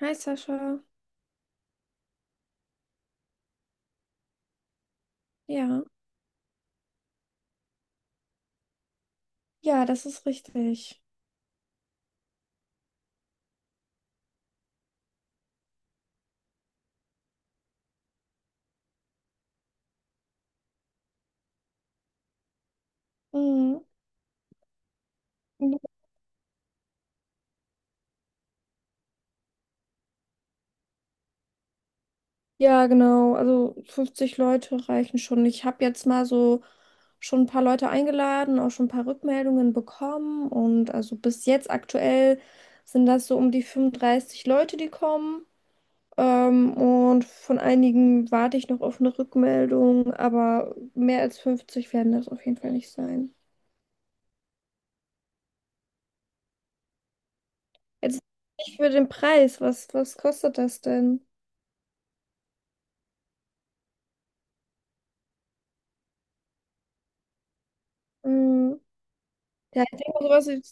Hi Sascha. Ja, ja, das ist richtig. Mhm. Ja, genau. Also 50 Leute reichen schon. Ich habe jetzt mal so schon ein paar Leute eingeladen, auch schon ein paar Rückmeldungen bekommen. Und also bis jetzt aktuell sind das so um die 35 Leute, die kommen. Und von einigen warte ich noch auf eine Rückmeldung, aber mehr als 50 werden das auf jeden Fall nicht sein. Jetzt nicht für den Preis. Was kostet das denn? Mhm. Ja, ich denke mal, sowas wie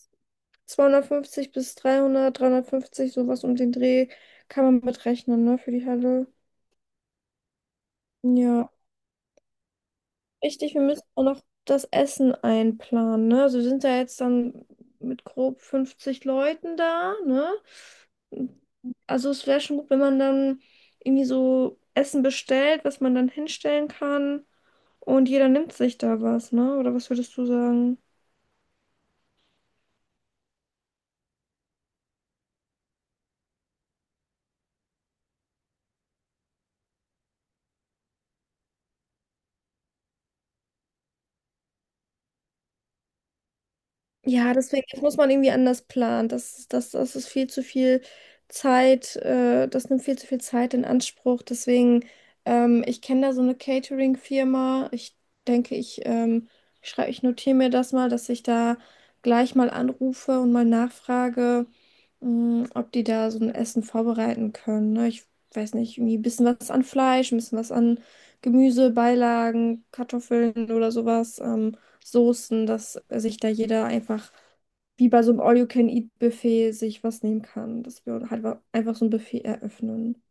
250 bis 300, 350, sowas um den Dreh kann man mitrechnen, ne, für die Halle. Ja, richtig, wir müssen auch noch das Essen einplanen, ne? Also wir sind ja jetzt dann mit grob 50 Leuten da, ne? Also es wäre schon gut, wenn man dann irgendwie so Essen bestellt, was man dann hinstellen kann und jeder nimmt sich da was, ne? Oder was würdest du sagen? Ja, deswegen das muss man irgendwie anders planen. Das ist viel zu viel Zeit, das nimmt viel zu viel Zeit in Anspruch. Deswegen, ich kenne da so eine Catering-Firma. Ich denke, ich notiere mir das mal, dass ich da gleich mal anrufe und mal nachfrage, ob die da so ein Essen vorbereiten können. Ne? Ich weiß nicht, irgendwie ein bisschen was an Fleisch, ein bisschen was an Gemüse, Beilagen, Kartoffeln oder sowas. Soßen, dass sich da jeder einfach wie bei so einem All-You-Can-Eat-Buffet sich was nehmen kann, dass wir halt einfach so ein Buffet eröffnen.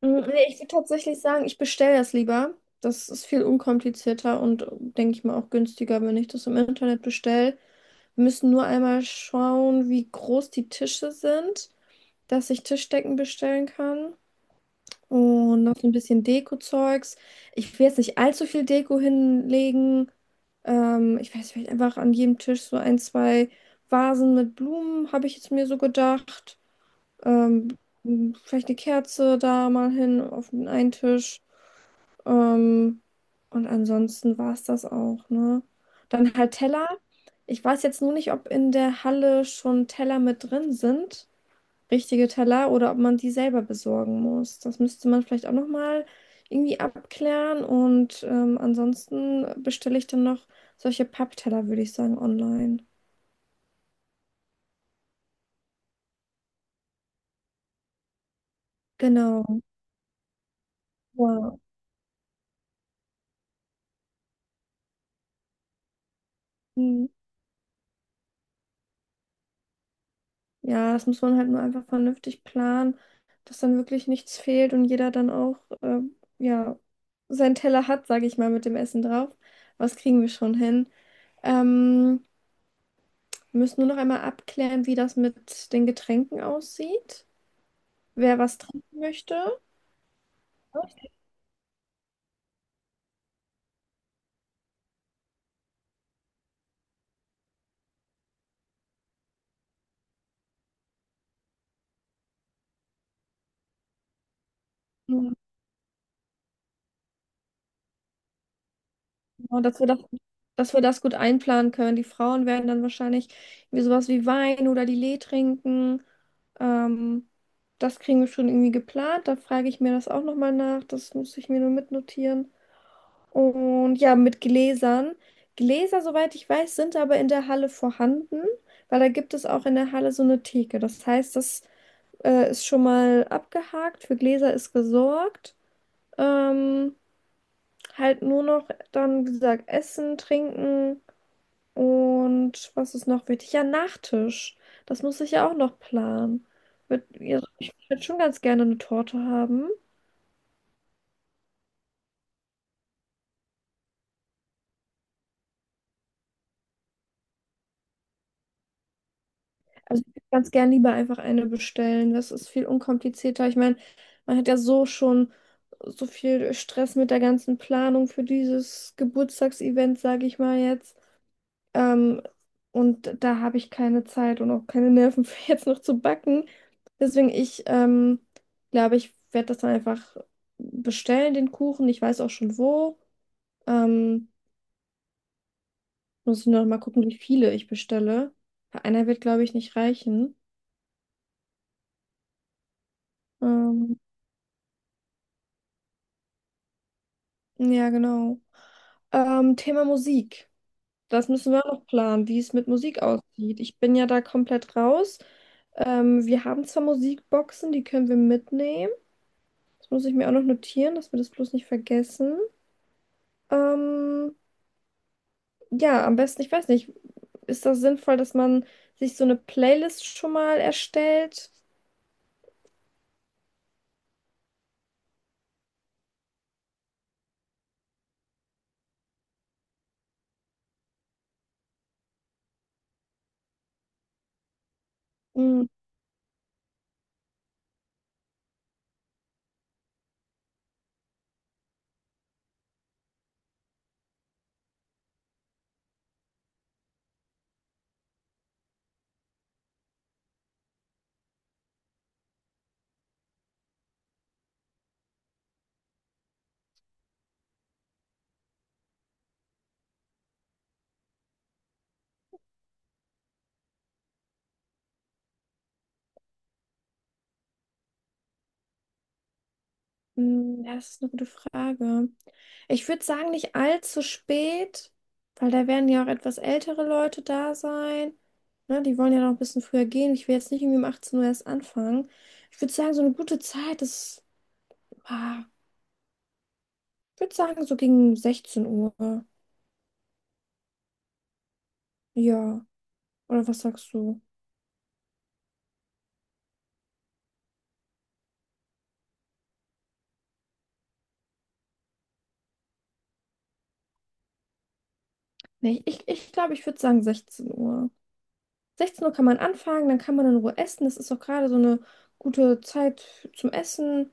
Nee, ich würde tatsächlich sagen, ich bestelle das lieber. Das ist viel unkomplizierter und denke ich mal auch günstiger, wenn ich das im Internet bestelle. Wir müssen nur einmal schauen, wie groß die Tische sind, dass ich Tischdecken bestellen kann. Und noch so ein bisschen Deko-Zeugs. Ich will jetzt nicht allzu viel Deko hinlegen. Ich weiß, vielleicht einfach an jedem Tisch so ein, zwei Vasen mit Blumen, habe ich jetzt mir so gedacht. Ähm, vielleicht eine Kerze da mal hin auf den einen Tisch. Ähm, und ansonsten war es das auch, ne? Dann halt Teller. Ich weiß jetzt nur nicht, ob in der Halle schon Teller mit drin sind, richtige Teller, oder ob man die selber besorgen muss. Das müsste man vielleicht auch nochmal irgendwie abklären. Und ansonsten bestelle ich dann noch solche Pappteller, würde ich sagen, online. Genau. Ja. Mhm. Ja, das muss man halt nur einfach vernünftig planen, dass dann wirklich nichts fehlt und jeder dann auch äh, ja, seinen Teller hat, sage ich mal, mit dem Essen drauf. Was kriegen wir schon hin? Ähm, wir müssen nur noch einmal abklären, wie das mit den Getränken aussieht, wer was trinken möchte. Mhm. Und dass wir das gut einplanen können. Die Frauen werden dann wahrscheinlich irgendwie sowas wie Wein oder Lillet trinken. Ähm, das kriegen wir schon irgendwie geplant. Da frage ich mir das auch nochmal nach. Das muss ich mir nur mitnotieren. Und ja, mit Gläsern. Gläser, soweit ich weiß, sind aber in der Halle vorhanden, weil da gibt es auch in der Halle so eine Theke. Das heißt, das ist schon mal abgehakt. Für Gläser ist gesorgt. Ähm, Halt nur noch dann, wie gesagt, Essen, Trinken und was ist noch wichtig? Ja, Nachtisch. Das muss ich ja auch noch planen. Ja, ich würde schon ganz gerne eine Torte haben. Also ich würde ganz gern lieber einfach eine bestellen. Das ist viel unkomplizierter. Ich meine, man hat ja so schon so viel Stress mit der ganzen Planung für dieses Geburtstagsevent, sage ich mal jetzt. Ähm, und da habe ich keine Zeit und auch keine Nerven für jetzt noch zu backen. Deswegen, ich glaube, ich werde das dann einfach bestellen, den Kuchen. Ich weiß auch schon wo. Ähm, muss ich nur noch mal gucken, wie viele ich bestelle. Weil einer wird, glaube ich, nicht reichen. Ähm, ja, genau. Thema Musik. Das müssen wir auch noch planen, wie es mit Musik aussieht. Ich bin ja da komplett raus. Wir haben zwar Musikboxen, die können wir mitnehmen. Das muss ich mir auch noch notieren, dass wir das bloß nicht vergessen. Ähm, ja, am besten, ich weiß nicht, ist das sinnvoll, dass man sich so eine Playlist schon mal erstellt? Hm, ja, das ist eine gute Frage. Ich würde sagen, nicht allzu spät, weil da werden ja auch etwas ältere Leute da sein. Ne, die wollen ja noch ein bisschen früher gehen. Ich will jetzt nicht irgendwie um 18 Uhr erst anfangen. Ich würde sagen, so eine gute Zeit ist, ah, ich würde sagen, so gegen 16 Uhr. Ja, oder was sagst du? Nee, ich glaub, ich würde sagen 16 Uhr. 16 Uhr kann man anfangen, dann kann man in Ruhe essen. Das ist auch gerade so eine gute Zeit zum Essen.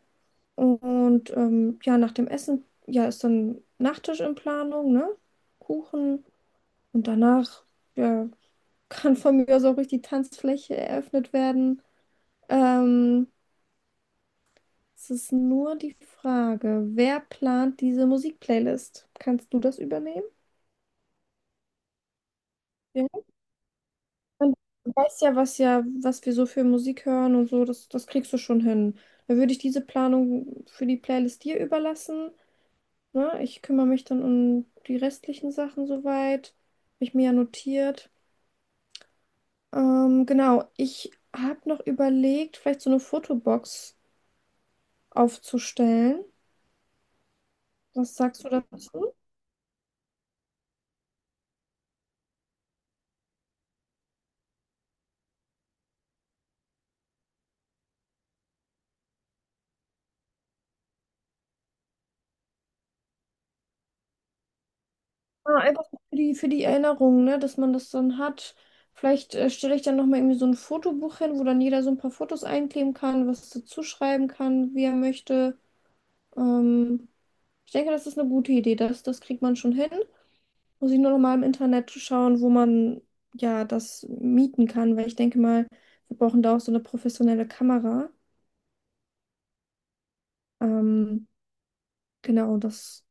Und ja, nach dem Essen, ja, ist dann Nachtisch in Planung, ne? Kuchen. Und danach, ja, kann von mir aus auch ruhig die Tanzfläche eröffnet werden. Ähm, es ist nur die Frage, wer plant diese Musikplaylist? Kannst du das übernehmen? Und du weißt ja, was wir so für Musik hören und so, das kriegst du schon hin. Dann würde ich diese Planung für die Playlist dir überlassen. Ne? Ich kümmere mich dann um die restlichen Sachen soweit. Habe ich mir ja notiert. Genau, ich habe noch überlegt, vielleicht so eine Fotobox aufzustellen. Was sagst du dazu? Ja, einfach für die Erinnerung, ne, dass man das dann hat. Vielleicht stelle ich dann nochmal irgendwie so ein Fotobuch hin, wo dann jeder so ein paar Fotos einkleben kann, was dazu schreiben kann, wie er möchte. Ähm, ich denke, das ist eine gute Idee. Das kriegt man schon hin. Muss ich nur nochmal im Internet schauen, wo man ja das mieten kann, weil ich denke mal, wir brauchen da auch so eine professionelle Kamera. Ähm, genau, das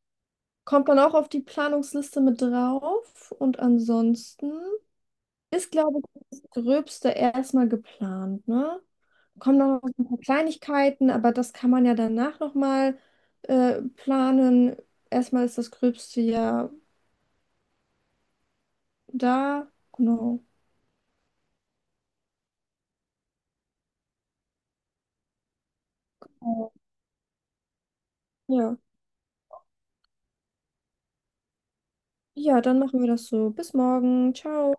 kommt dann auch auf die Planungsliste mit drauf. Und ansonsten, ist, glaube ich, das Gröbste erstmal geplant, ne? Kommen noch ein paar Kleinigkeiten, aber das kann man ja danach nochmal planen. Erstmal ist das Gröbste ja da. Genau. Ja. Ja, dann machen wir das so. Bis morgen. Ciao.